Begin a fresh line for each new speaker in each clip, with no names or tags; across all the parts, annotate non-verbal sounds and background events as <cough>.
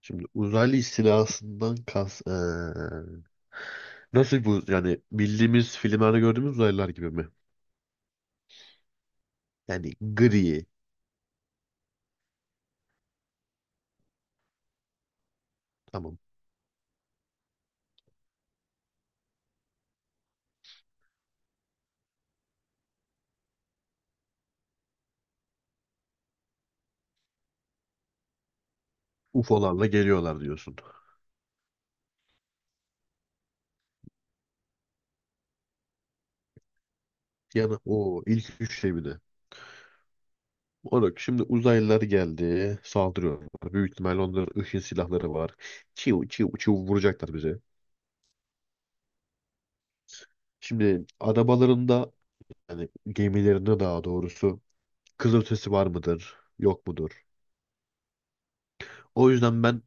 Şimdi uzaylı istilasından kas nasıl bu, yani bildiğimiz filmlerde gördüğümüz uzaylılar gibi mi? Yani gri. Tamam, UFO'larla geliyorlar diyorsun. Yani o ilk üç şey bir de. Olarak şimdi uzaylılar geldi, saldırıyorlar. Büyük ihtimalle onların ışın silahları var. Çiu çiu çiu vuracaklar bize. Şimdi arabalarında, yani gemilerinde daha doğrusu, kızılötesi var mıdır yok mudur? O yüzden ben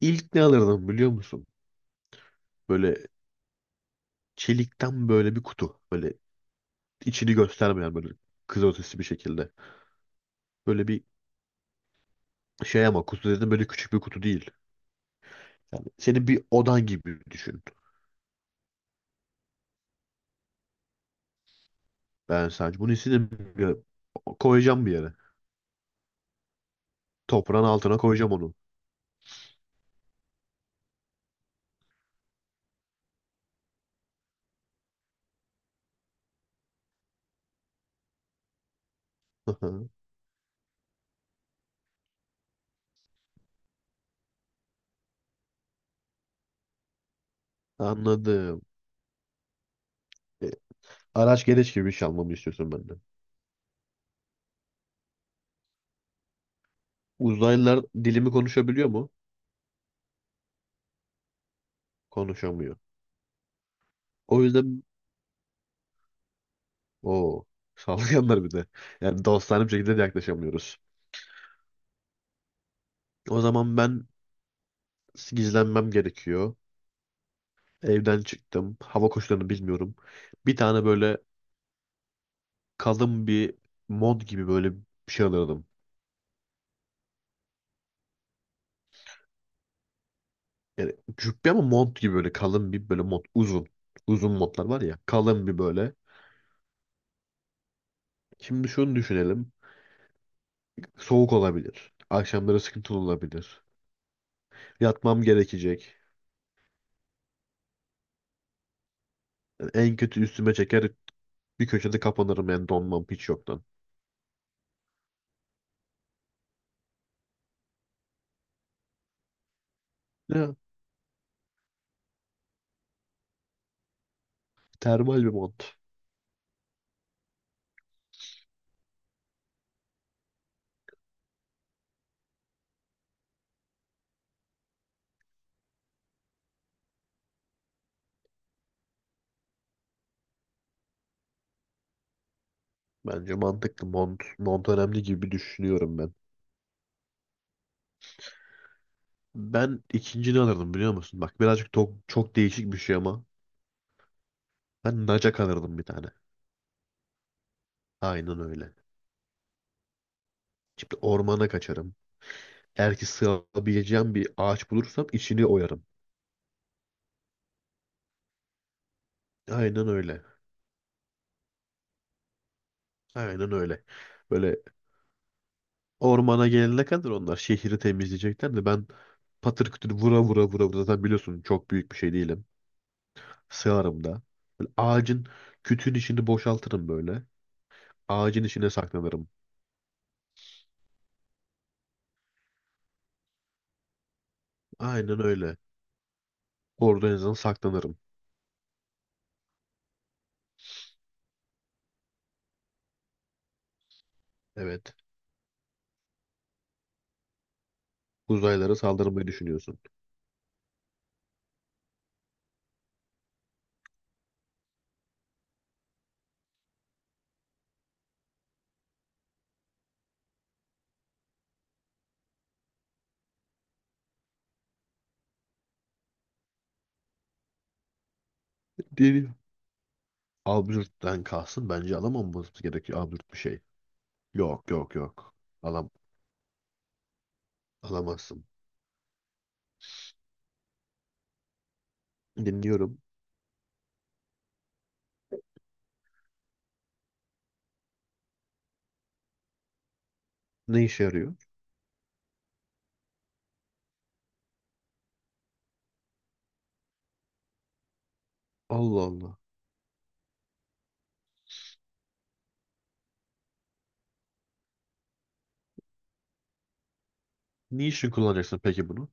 ilk ne alırdım biliyor musun? Böyle çelikten böyle bir kutu. Böyle içini göstermeyen, böyle kızılötesi bir şekilde. Böyle bir şey, ama kutu dedim, böyle küçük bir kutu değil. Yani senin bir odan gibi düşün. Ben sadece bunu istedim. Ya, koyacağım bir yere. Toprağın altına koyacağım onu. <laughs> Hı. Anladım. E, araç gereç gibi bir şey almamı istiyorsun benden. Uzaylılar dilimi konuşabiliyor mu? Konuşamıyor. O yüzden o saldırganlar <laughs> bir de. Yani dostane bir şekilde de yaklaşamıyoruz. O zaman ben gizlenmem gerekiyor. Evden çıktım. Hava koşullarını bilmiyorum. Bir tane böyle kalın bir mont gibi böyle bir şey alıyordum. Yani cübbe ama mont gibi, böyle kalın bir böyle mont. Uzun. Uzun montlar var ya. Kalın bir böyle. Şimdi şunu düşünelim. Soğuk olabilir. Akşamları sıkıntılı olabilir. Yatmam gerekecek. Yani en kötü üstüme çeker, bir köşede kapanırım, yani donmam hiç yoktan. Ya, termal bir mont. Bence mantıklı mont. Mont önemli gibi düşünüyorum ben. Ben ikincini alırdım biliyor musun? Bak birazcık çok, çok değişik bir şey ama. Ben nacak alırdım bir tane. Aynen öyle. Şimdi ormana kaçarım. Eğer ki sığabileceğim bir ağaç bulursam içini oyarım. Aynen öyle. Aynen öyle. Böyle ormana gelene kadar onlar şehri temizleyecekler de ben patır kütür vura vura vura vura, zaten biliyorsun çok büyük bir şey değilim. Sığarım da. Böyle ağacın, kütüğün içini boşaltırım böyle. Ağacın içine saklanırım. Aynen öyle. Orada en azından saklanırım. Evet. Uzaylara saldırmayı düşünüyorsun. Diğeri absürtten kalsın. Bence alamamamız gerekiyor absürt bir şey. Yok, yok, yok. Alam Alamazsın. Dinliyorum. Ne işe yarıyor? Allah Allah. Ne için kullanacaksın peki bunu?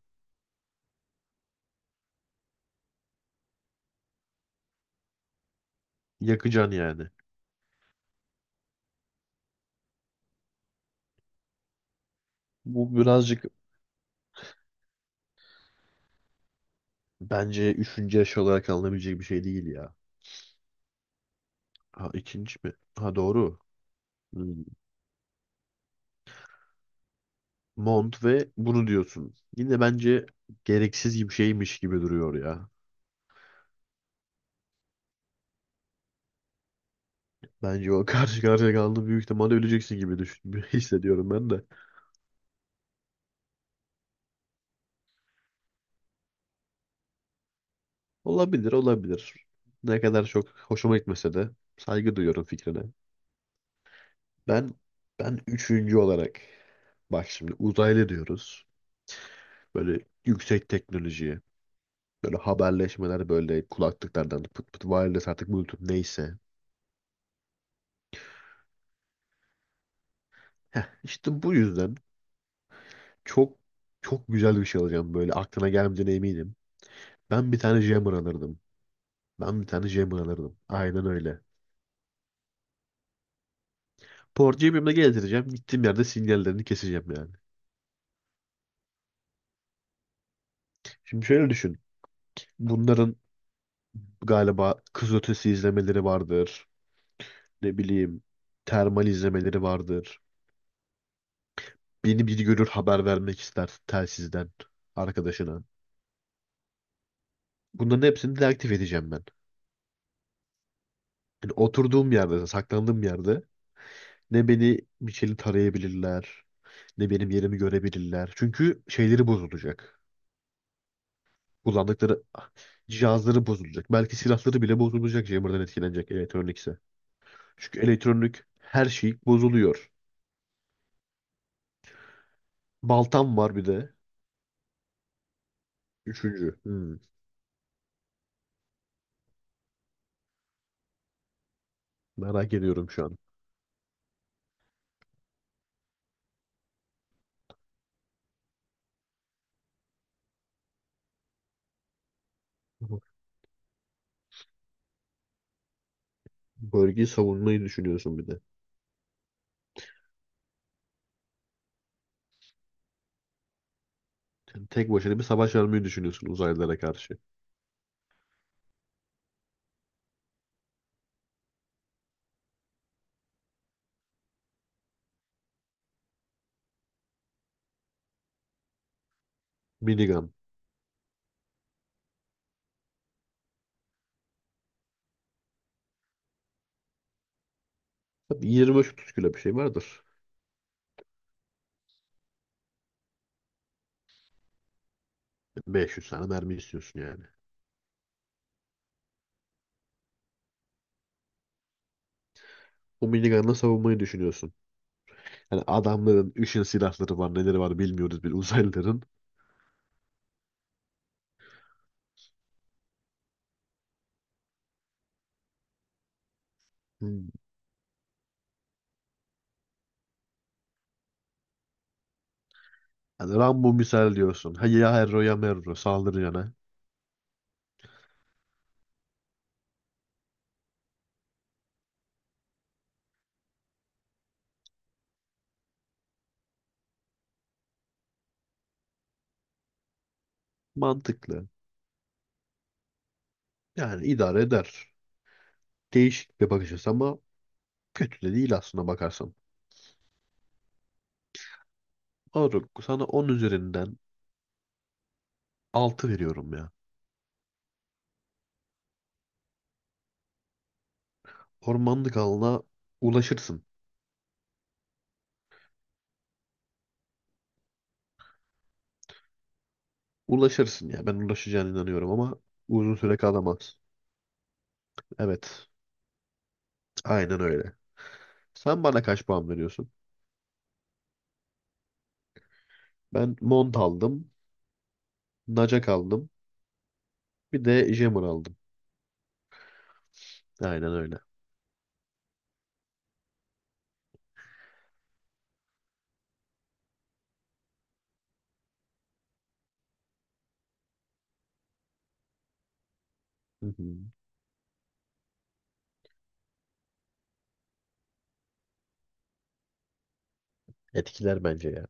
Yakacaksın yani. Bu birazcık, bence üçüncü yaş olarak alınabilecek bir şey değil ya. Ha, ikinci mi? Ha doğru. Hmm. Mont ve bunu diyorsun. Yine bence gereksiz gibi, şeymiş gibi duruyor ya. Bence o karşı karşıya kaldı, büyük ihtimalle öleceksin gibi düşün, <laughs> hissediyorum ben de. Olabilir, olabilir. Ne kadar çok hoşuma gitmese de saygı duyuyorum fikrine. Ben ben üçüncü olarak, bak şimdi uzaylı diyoruz. Böyle yüksek teknolojiye, böyle haberleşmeler, böyle kulaklıklardan pıt pıt wireless artık Bluetooth neyse. Heh, işte bu yüzden çok çok güzel bir şey alacağım, böyle aklına gelmeyeceğine eminim. Ben bir tane jammer alırdım. Ben bir tane jammer alırdım. Aynen öyle. Porcuyu benimle gezdireceğim. Gittiğim yerde sinyallerini keseceğim yani. Şimdi şöyle düşün. Bunların galiba kızılötesi izlemeleri vardır. Ne bileyim, termal izlemeleri vardır. Beni bir görür, haber vermek ister telsizden arkadaşına. Bunların hepsini deaktif edeceğim ben. Yani oturduğum yerde, saklandığım yerde, ne beni bir şeyle tarayabilirler, ne benim yerimi görebilirler. Çünkü şeyleri bozulacak. Kullandıkları cihazları bozulacak. Belki silahları bile bozulacak, Jammer'dan etkilenecek elektronikse. Çünkü elektronik her şey bozuluyor. Baltam var bir de. Üçüncü. Hmm, merak ediyorum şu an. Bölgeyi savunmayı düşünüyorsun bir de. Yani tek başına bir savaş vermeyi düşünüyorsun uzaylılara karşı. Minigun. Tabii 25-30 kilo bir şey vardır. 500 tane mermi istiyorsun yani. O minigunla savunmayı düşünüyorsun. Yani adamların ışın silahları var, neleri var bilmiyoruz bir uzaylıların. Hmm. Yani Rambo misal diyorsun. Ha ya Herro ya Merro saldırı yana. Mantıklı. Yani idare eder. Değişik bir bakış açısı ama kötü de değil aslında bakarsan. Moruk, sana 10 üzerinden 6 veriyorum ya. Ormanlık alana ulaşırsın. Ulaşırsın ya. Ben ulaşacağına inanıyorum ama uzun süre kalamaz. Evet. Aynen öyle. Sen bana kaç puan veriyorsun? Ben mont aldım. Naca aldım. Bir de jammer aldım. Aynen öyle. Hı hı. Etkiler bence ya.